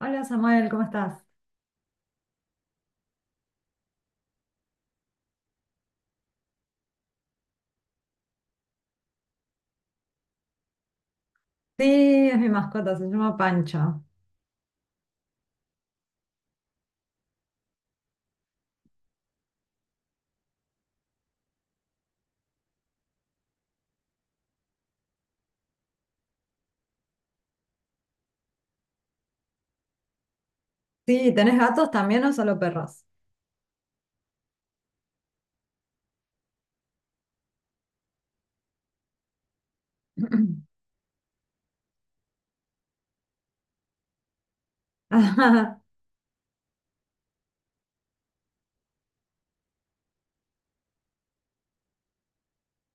Hola Samuel, ¿cómo estás? Sí, es mi mascota, se llama Pancha. Sí, ¿tenés gatos también o solo perros?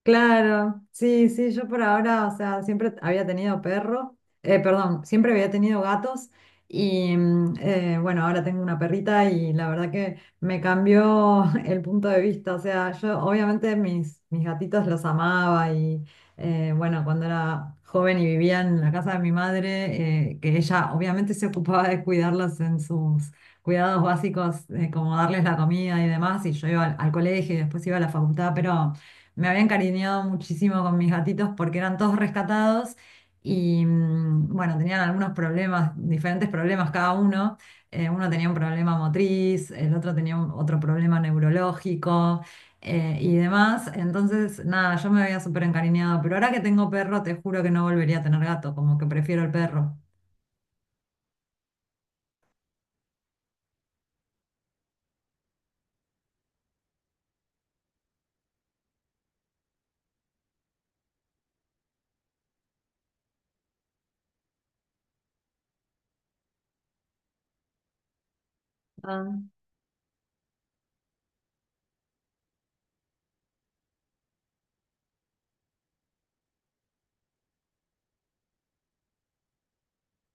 Claro, sí, sí, yo por ahora, o sea, siempre había tenido perro, perdón, siempre había tenido gatos y bueno, ahora tengo una perrita y la verdad que me cambió el punto de vista, o sea, yo obviamente mis gatitos los amaba y bueno, cuando era joven y vivía en la casa de mi madre, que ella obviamente se ocupaba de cuidarlos en sus cuidados básicos, como darles la comida y demás, y yo iba al colegio y después iba a la facultad, pero... Me había encariñado muchísimo con mis gatitos porque eran todos rescatados y bueno, tenían algunos problemas, diferentes problemas cada uno. Uno tenía un problema motriz, el otro tenía otro problema neurológico y demás. Entonces, nada, yo me había súper encariñado, pero ahora que tengo perro, te juro que no volvería a tener gato, como que prefiero el perro. Ah.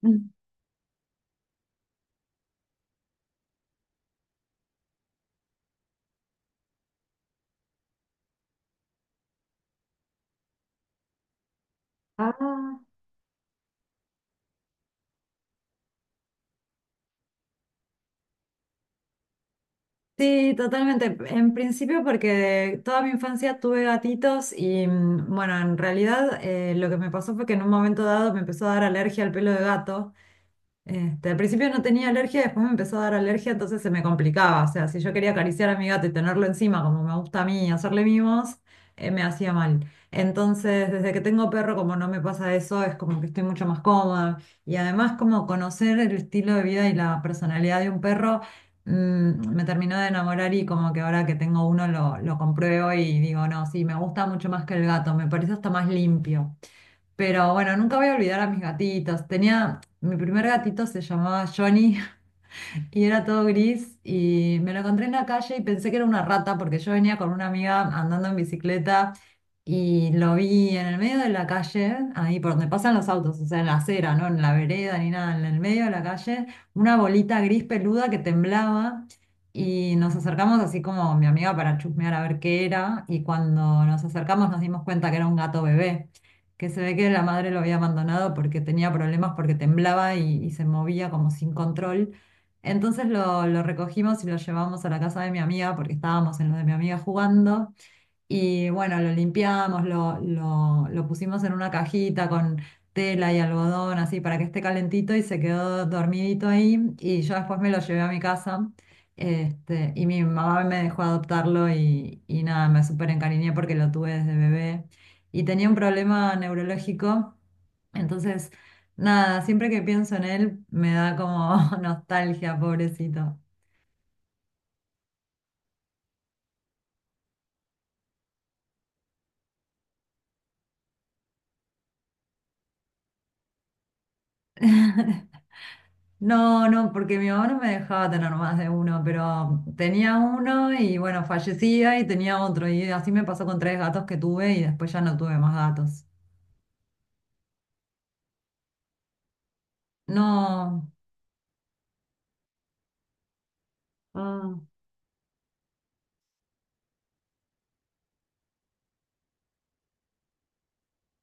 Ah. Sí, totalmente. En principio porque toda mi infancia tuve gatitos y bueno, en realidad lo que me pasó fue que en un momento dado me empezó a dar alergia al pelo de gato. Este, al principio no tenía alergia, después me empezó a dar alergia, entonces se me complicaba. O sea, si yo quería acariciar a mi gato y tenerlo encima, como me gusta a mí, hacerle mimos, me hacía mal. Entonces, desde que tengo perro, como no me pasa eso, es como que estoy mucho más cómoda. Y además, como conocer el estilo de vida y la personalidad de un perro, me terminó de enamorar y como que ahora que tengo uno lo compruebo y digo, no, sí, me gusta mucho más que el gato, me parece hasta más limpio. Pero bueno, nunca voy a olvidar a mis gatitos. Tenía, mi primer gatito se llamaba Johnny y era todo gris y me lo encontré en la calle y pensé que era una rata porque yo venía con una amiga andando en bicicleta y lo vi en el medio de la calle, ahí por donde pasan los autos, o sea, en la acera, no en la vereda ni nada, en el medio de la calle, una bolita gris peluda que temblaba y nos acercamos así como mi amiga para chusmear a ver qué era y cuando nos acercamos nos dimos cuenta que era un gato bebé. Que se ve que la madre lo había abandonado porque tenía problemas, porque temblaba y se movía como sin control. Entonces lo recogimos y lo llevamos a la casa de mi amiga porque estábamos en lo de mi amiga jugando y bueno, lo limpiamos, lo pusimos en una cajita con tela y algodón, así para que esté calentito y se quedó dormidito ahí. Y yo después me lo llevé a mi casa. Este, y mi mamá me dejó adoptarlo y nada, me súper encariñé porque lo tuve desde bebé. Y tenía un problema neurológico. Entonces, nada, siempre que pienso en él me da como nostalgia, pobrecito. No, no, porque mi mamá no me dejaba tener más de uno, pero tenía uno y bueno, fallecía y tenía otro. Y así me pasó con tres gatos que tuve y después ya no tuve más gatos. No. Ah,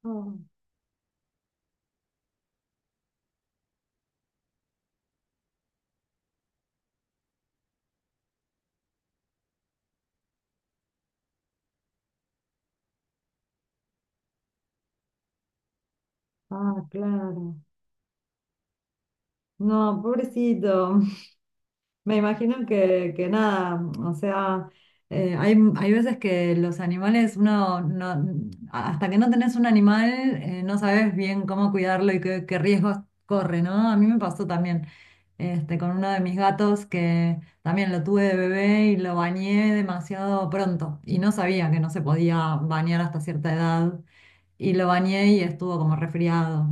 ah, ah, claro. No, pobrecito. Me imagino que nada, o sea, hay, hay veces que los animales, uno, no, hasta que no tenés un animal, no sabes bien cómo cuidarlo qué riesgos corre, ¿no? A mí me pasó también, este, con uno de mis gatos que también lo tuve de bebé y lo bañé demasiado pronto y no sabía que no se podía bañar hasta cierta edad y lo bañé y estuvo como resfriado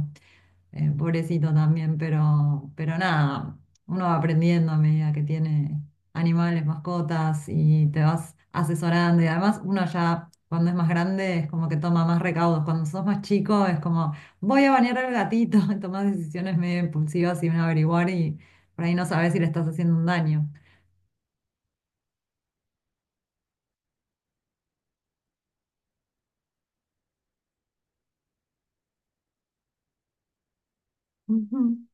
pobrecito también, pero nada, uno va aprendiendo a medida que tiene animales, mascotas y te vas asesorando. Y además uno ya cuando es más grande es como que toma más recaudos. Cuando sos más chico es como, voy a bañar al gatito, y tomás decisiones medio impulsivas sin averiguar y por ahí no sabes si le estás haciendo un daño. Ujú.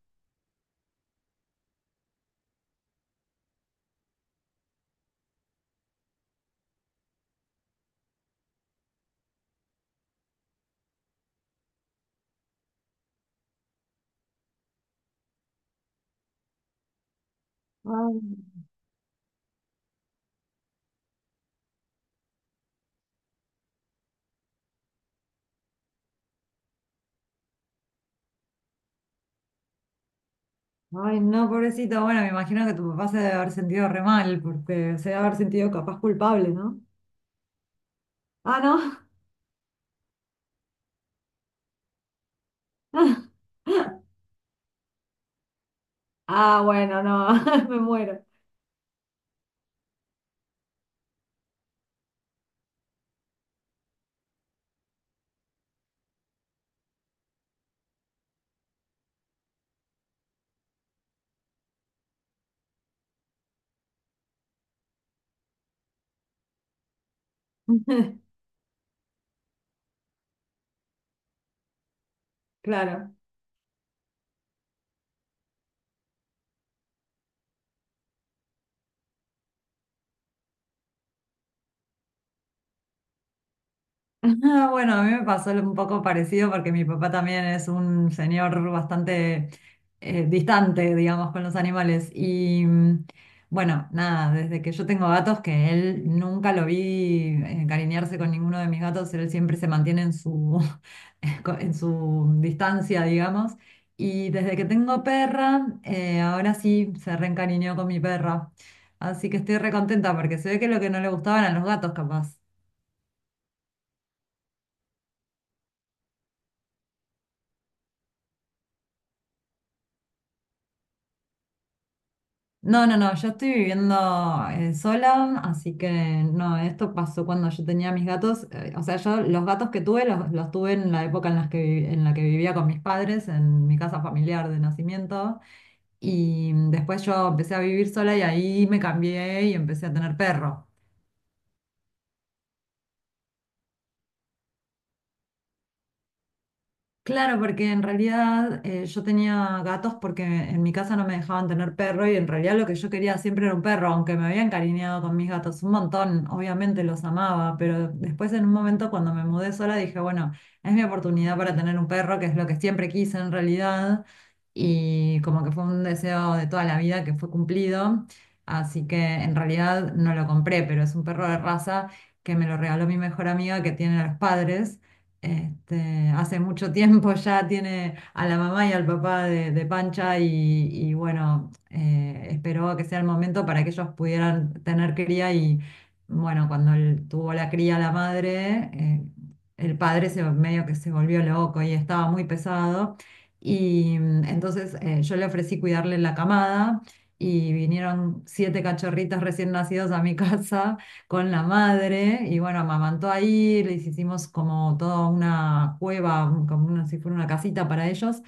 Ay, ay, no, pobrecito. Bueno, me imagino que tu papá se debe haber sentido re mal, porque se debe haber sentido capaz culpable, ¿no? Ah, no. Ah, bueno, no, me muero. Claro. Ah, bueno, a mí me pasó un poco parecido porque mi papá también es un señor bastante distante, digamos, con los animales. Y bueno, nada, desde que yo tengo gatos, que él nunca lo vi encariñarse con ninguno de mis gatos, él siempre se mantiene en su, en su distancia, digamos. Y desde que tengo perra, ahora sí se reencariñó con mi perra. Así que estoy recontenta porque se ve que lo que no le gustaban a los gatos, capaz. No, no, no, yo estoy viviendo sola, así que no, esto pasó cuando yo tenía mis gatos, o sea, yo los gatos que tuve los tuve en la época en las en la que vivía con mis padres, en mi casa familiar de nacimiento, y después yo empecé a vivir sola y ahí me cambié y empecé a tener perros. Claro, porque en realidad yo tenía gatos porque en mi casa no me dejaban tener perro y en realidad lo que yo quería siempre era un perro, aunque me había encariñado con mis gatos un montón, obviamente los amaba, pero después en un momento cuando me mudé sola dije, bueno, es mi oportunidad para tener un perro, que es lo que siempre quise en realidad, y como que fue un deseo de toda la vida que fue cumplido, así que en realidad no lo compré, pero es un perro de raza que me lo regaló mi mejor amiga que tiene a los padres. Este, hace mucho tiempo ya tiene a la mamá y al papá de Pancha y bueno, esperó a que sea el momento para que ellos pudieran tener cría y bueno, cuando él tuvo la cría la madre, el padre medio que se volvió loco y estaba muy pesado y entonces yo le ofrecí cuidarle la camada y vinieron siete cachorritos recién nacidos a mi casa con la madre y bueno, amamantó ahí, les hicimos como toda una cueva, como una, si fuera una casita para ellos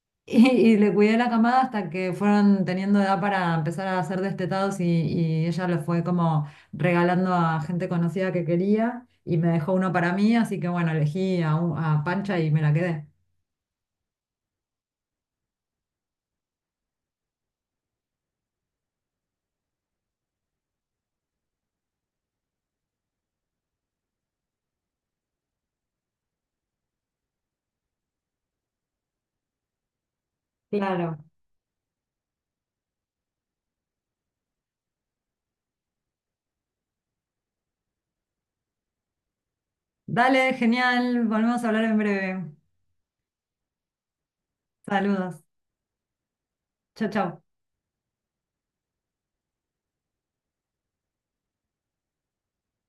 y le cuidé la camada hasta que fueron teniendo edad para empezar a ser destetados y ella lo fue como regalando a gente conocida que quería y me dejó uno para mí, así que bueno, elegí a Pancha y me la quedé. Claro. Dale, genial, volvemos a hablar en breve. Saludos. Chao, chao.